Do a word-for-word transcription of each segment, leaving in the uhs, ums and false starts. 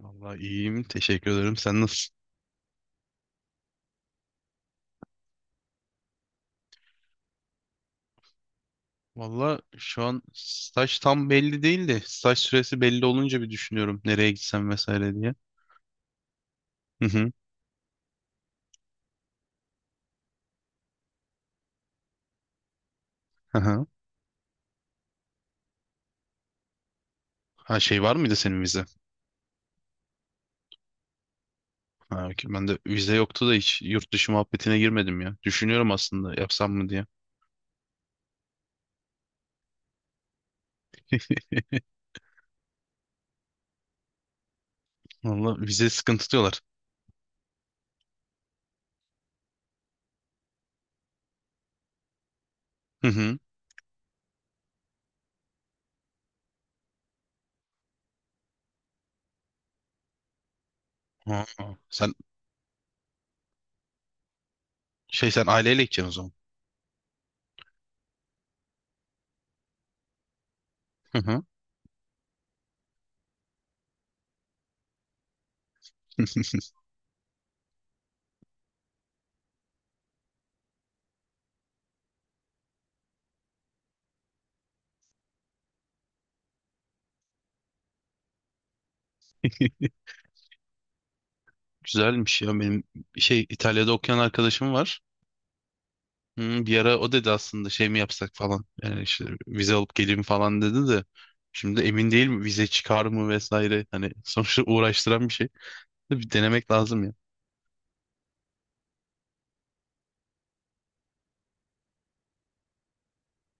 Vallahi iyiyim. Teşekkür ederim. Sen nasılsın? Vallahi şu an staj tam belli değil de saç süresi belli olunca bir düşünüyorum nereye gitsem vesaire diye. Hı hı. Hı hı. Ha şey var mıydı senin vize? Ha, okey. Ben de vize yoktu da hiç yurt dışı muhabbetine girmedim ya. Düşünüyorum aslında yapsam mı diye. Vallahi vize sıkıntı diyorlar. Hı hı. Ha, sen şey sen aileyle gideceksin o zaman. Hı hı. Güzelmiş ya benim şey İtalya'da okuyan arkadaşım var. Hı, bir ara o dedi aslında şey mi yapsak falan. Yani işte vize alıp geleyim falan dedi de. Şimdi emin değilim vize çıkar mı vesaire. Hani sonuçta uğraştıran bir şey. Bir denemek lazım ya.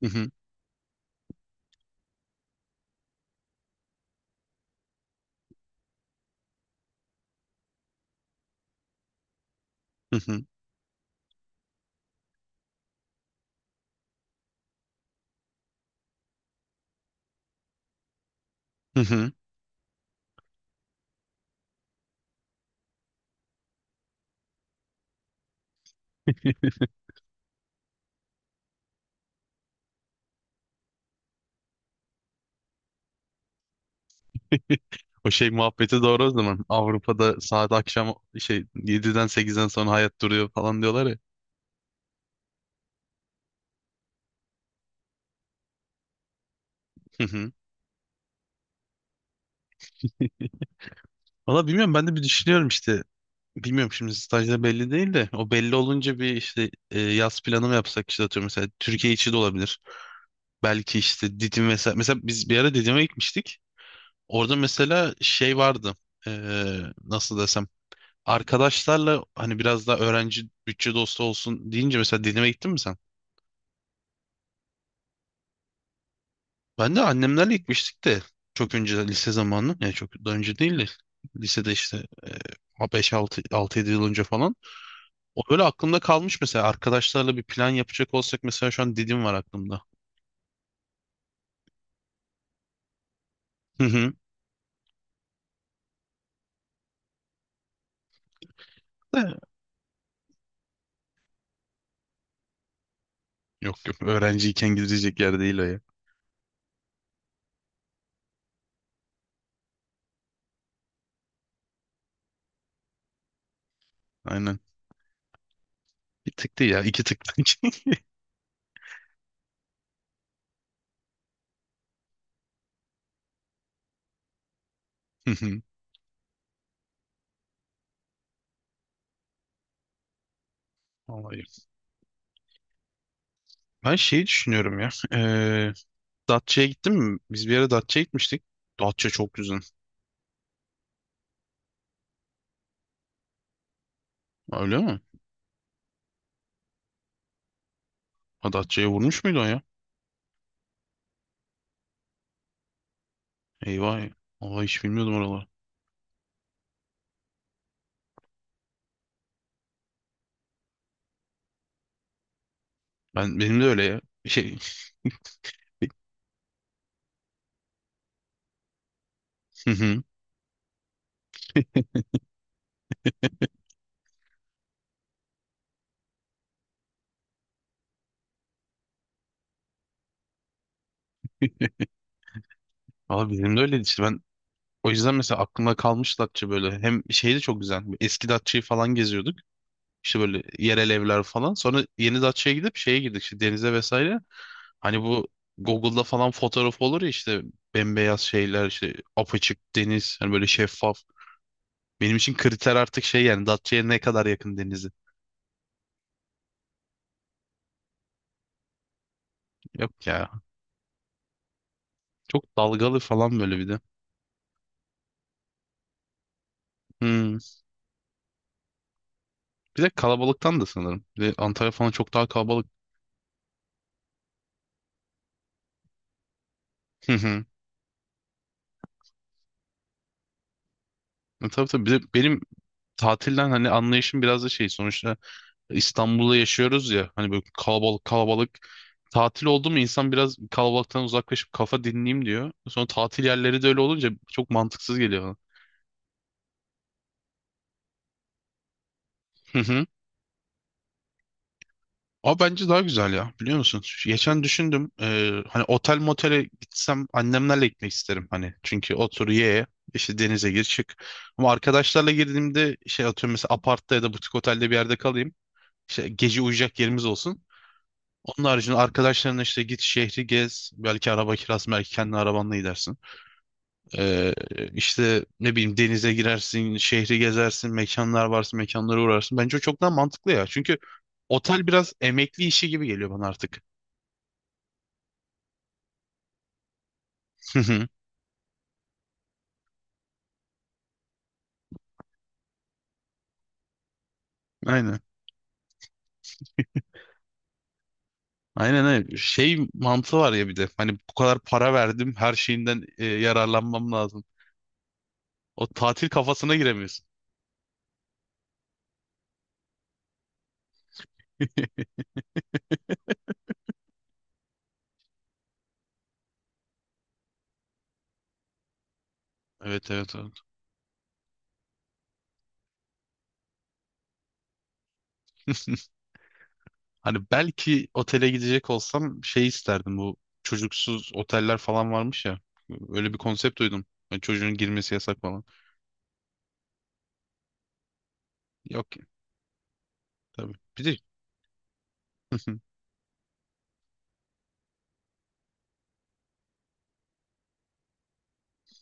Hı hı, hı hı, hı hı. O şey muhabbeti doğru o zaman. Avrupa'da saat akşam şey yediden sekizden sonra hayat duruyor falan diyorlar ya. Hı hı. Valla bilmiyorum ben de bir düşünüyorum işte. Bilmiyorum şimdi stajda belli değil de o belli olunca bir işte e, yaz planı mı yapsak işte atıyorum mesela Türkiye içi de olabilir. Belki işte Didim mesela. Mesela biz bir ara Didim'e gitmiştik. Orada mesela şey vardı. Ee, nasıl desem. Arkadaşlarla hani biraz daha öğrenci bütçe dostu olsun deyince mesela Didim'e gittin mi sen? Ben de annemlerle gitmiştik de. Çok önce lise zamanı. Yani çok daha önce değil de. Lisede işte beş altı altı yedi yıl önce falan. O böyle aklımda kalmış mesela. Arkadaşlarla bir plan yapacak olsak mesela şu an Didim var aklımda. Hı hı. De- Yok yok öğrenciyken gidecek yer değil o ya. Aynen. Bir tık değil ya. İki tık bence. Hı hı. Vallahi. Ben şeyi düşünüyorum ya. Ee, Datça'ya gittin mi? Biz bir ara Datça'ya gitmiştik. Datça çok güzel. Öyle mi? Ha Datça'ya vurmuş muydu o ya? Eyvah ya. Vallahi hiç bilmiyordum oraları. Ben, benim de öyle ya. Şey. Hı hı. Valla benim de öyleydi işte. Ben o yüzden mesela aklımda kalmış Datça böyle. Hem şey de çok güzel. Eski Datça'yı falan geziyorduk. İşte böyle yerel evler falan. Sonra Yeni gidip şeye girdik işte denize vesaire. Hani bu Google'da falan fotoğraf olur ya işte bembeyaz şeyler işte apaçık deniz hani böyle şeffaf. Benim için kriter artık şey yani Datça'ya ne kadar yakın denizi. Yok ya. Çok dalgalı falan böyle bir de. Hmm. Bir de kalabalıktan da sanırım. Bir de Antalya falan çok daha kalabalık. Hı hı. E tabii tabii. Bir de benim tatilden hani anlayışım biraz da şey sonuçta İstanbul'da yaşıyoruz ya hani böyle kalabalık kalabalık tatil oldu mu insan biraz kalabalıktan uzaklaşıp kafa dinleyeyim diyor. Sonra tatil yerleri de öyle olunca çok mantıksız geliyor bana. Hı hı. Ama bence daha güzel ya biliyor musun? Şu- Geçen düşündüm eee, hani otel motele gitsem annemlerle gitmek isterim hani. Çünkü otur ye işte denize gir çık. Ama arkadaşlarla girdiğimde şey atıyorum mesela apartta ya da butik otelde bir yerde kalayım. İşte gece uyuyacak yerimiz olsun. Onun haricinde arkadaşlarına işte git şehri gez. Belki araba kirası, belki kendi arabanla gidersin. Ee, işte ne bileyim denize girersin, şehri gezersin, mekanlar varsa mekanlara uğrarsın. Bence o çok daha mantıklı ya. Çünkü otel biraz emekli işi gibi geliyor bana artık. Hı hı. Aynen. Aynen aynen. Şey mantığı var ya bir de. Hani bu kadar para verdim, her şeyinden e, yararlanmam lazım. O tatil kafasına giremiyorsun. Evet evet evet. Hani belki otele gidecek olsam şey isterdim bu çocuksuz oteller falan varmış ya. Öyle bir konsept duydum. Yani çocuğun girmesi yasak falan. Yok ki tabii. Bir de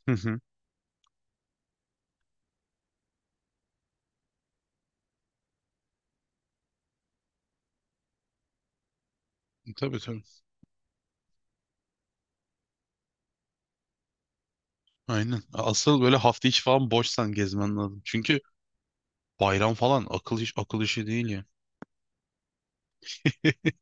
hı hı. Tabii tabii. Aynen. Asıl böyle hafta içi falan boşsan gezmen lazım. Çünkü bayram falan akıl iş akıl işi değil ya.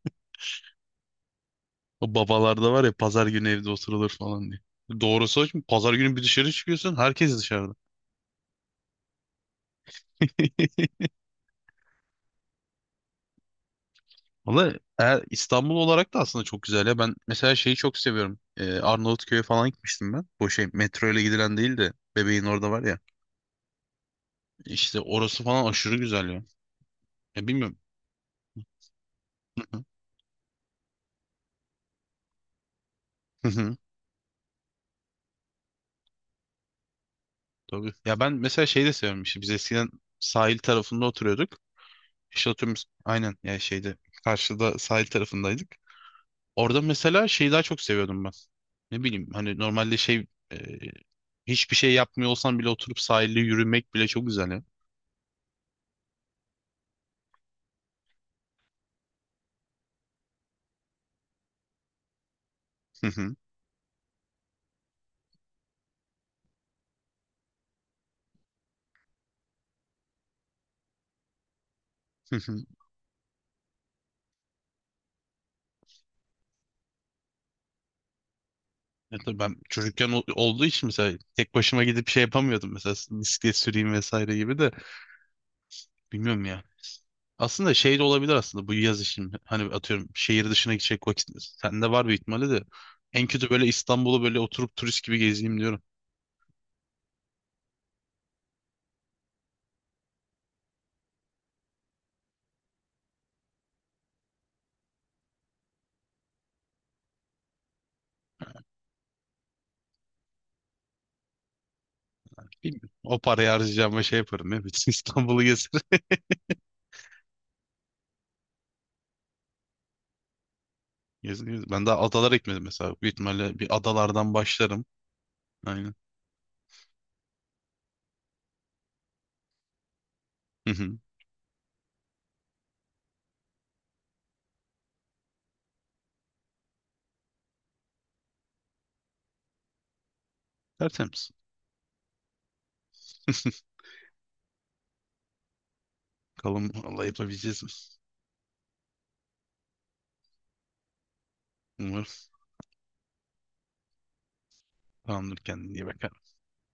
O babalarda var ya pazar günü evde oturulur falan diye. Doğrusu o. Şimdi pazar günü bir dışarı çıkıyorsun herkes dışarıda. Valla eğer İstanbul olarak da aslında çok güzel ya. Ben mesela şeyi çok seviyorum. Ee, Arnavutköy'e falan gitmiştim ben. Bu şey metro ile gidilen değil de bebeğin orada var ya. İşte orası falan aşırı güzel ya. Ya bilmiyorum. Hı hı. Tabii. Ya ben mesela şeyi de seviyorum. İşte biz eskiden sahil tarafında oturuyorduk. İşte oturuyoruz. Aynen ya şeyde karşıda sahil tarafındaydık. Orada mesela şeyi daha çok seviyordum ben. Ne bileyim hani normalde şey e, hiçbir şey yapmıyor olsan bile oturup sahilde yürümek bile çok güzel ya. Hı hı. Ya tabii ben çocukken ol- olduğu için mesela tek başıma gidip şey yapamıyordum mesela bisiklet süreyim vesaire gibi de bilmiyorum ya. Aslında şey de olabilir aslında bu yaz için hani atıyorum şehir dışına gidecek vakit sende var bir ihtimali de en kötü böyle İstanbul'u böyle oturup turist gibi gezeyim diyorum. Bilmiyorum. O parayı harcayacağıma şey yaparım ya bütün İstanbul'u gezerim. Geziniyoruz. Ben daha adalara gitmedim mesela. Büyük ihtimalle bir adalardan başlarım. Aynen. Hı hı. Tertemiz. Bakalım Allah yapabileceğiz mi? Umarım. Tamamdır kendine iyi bak.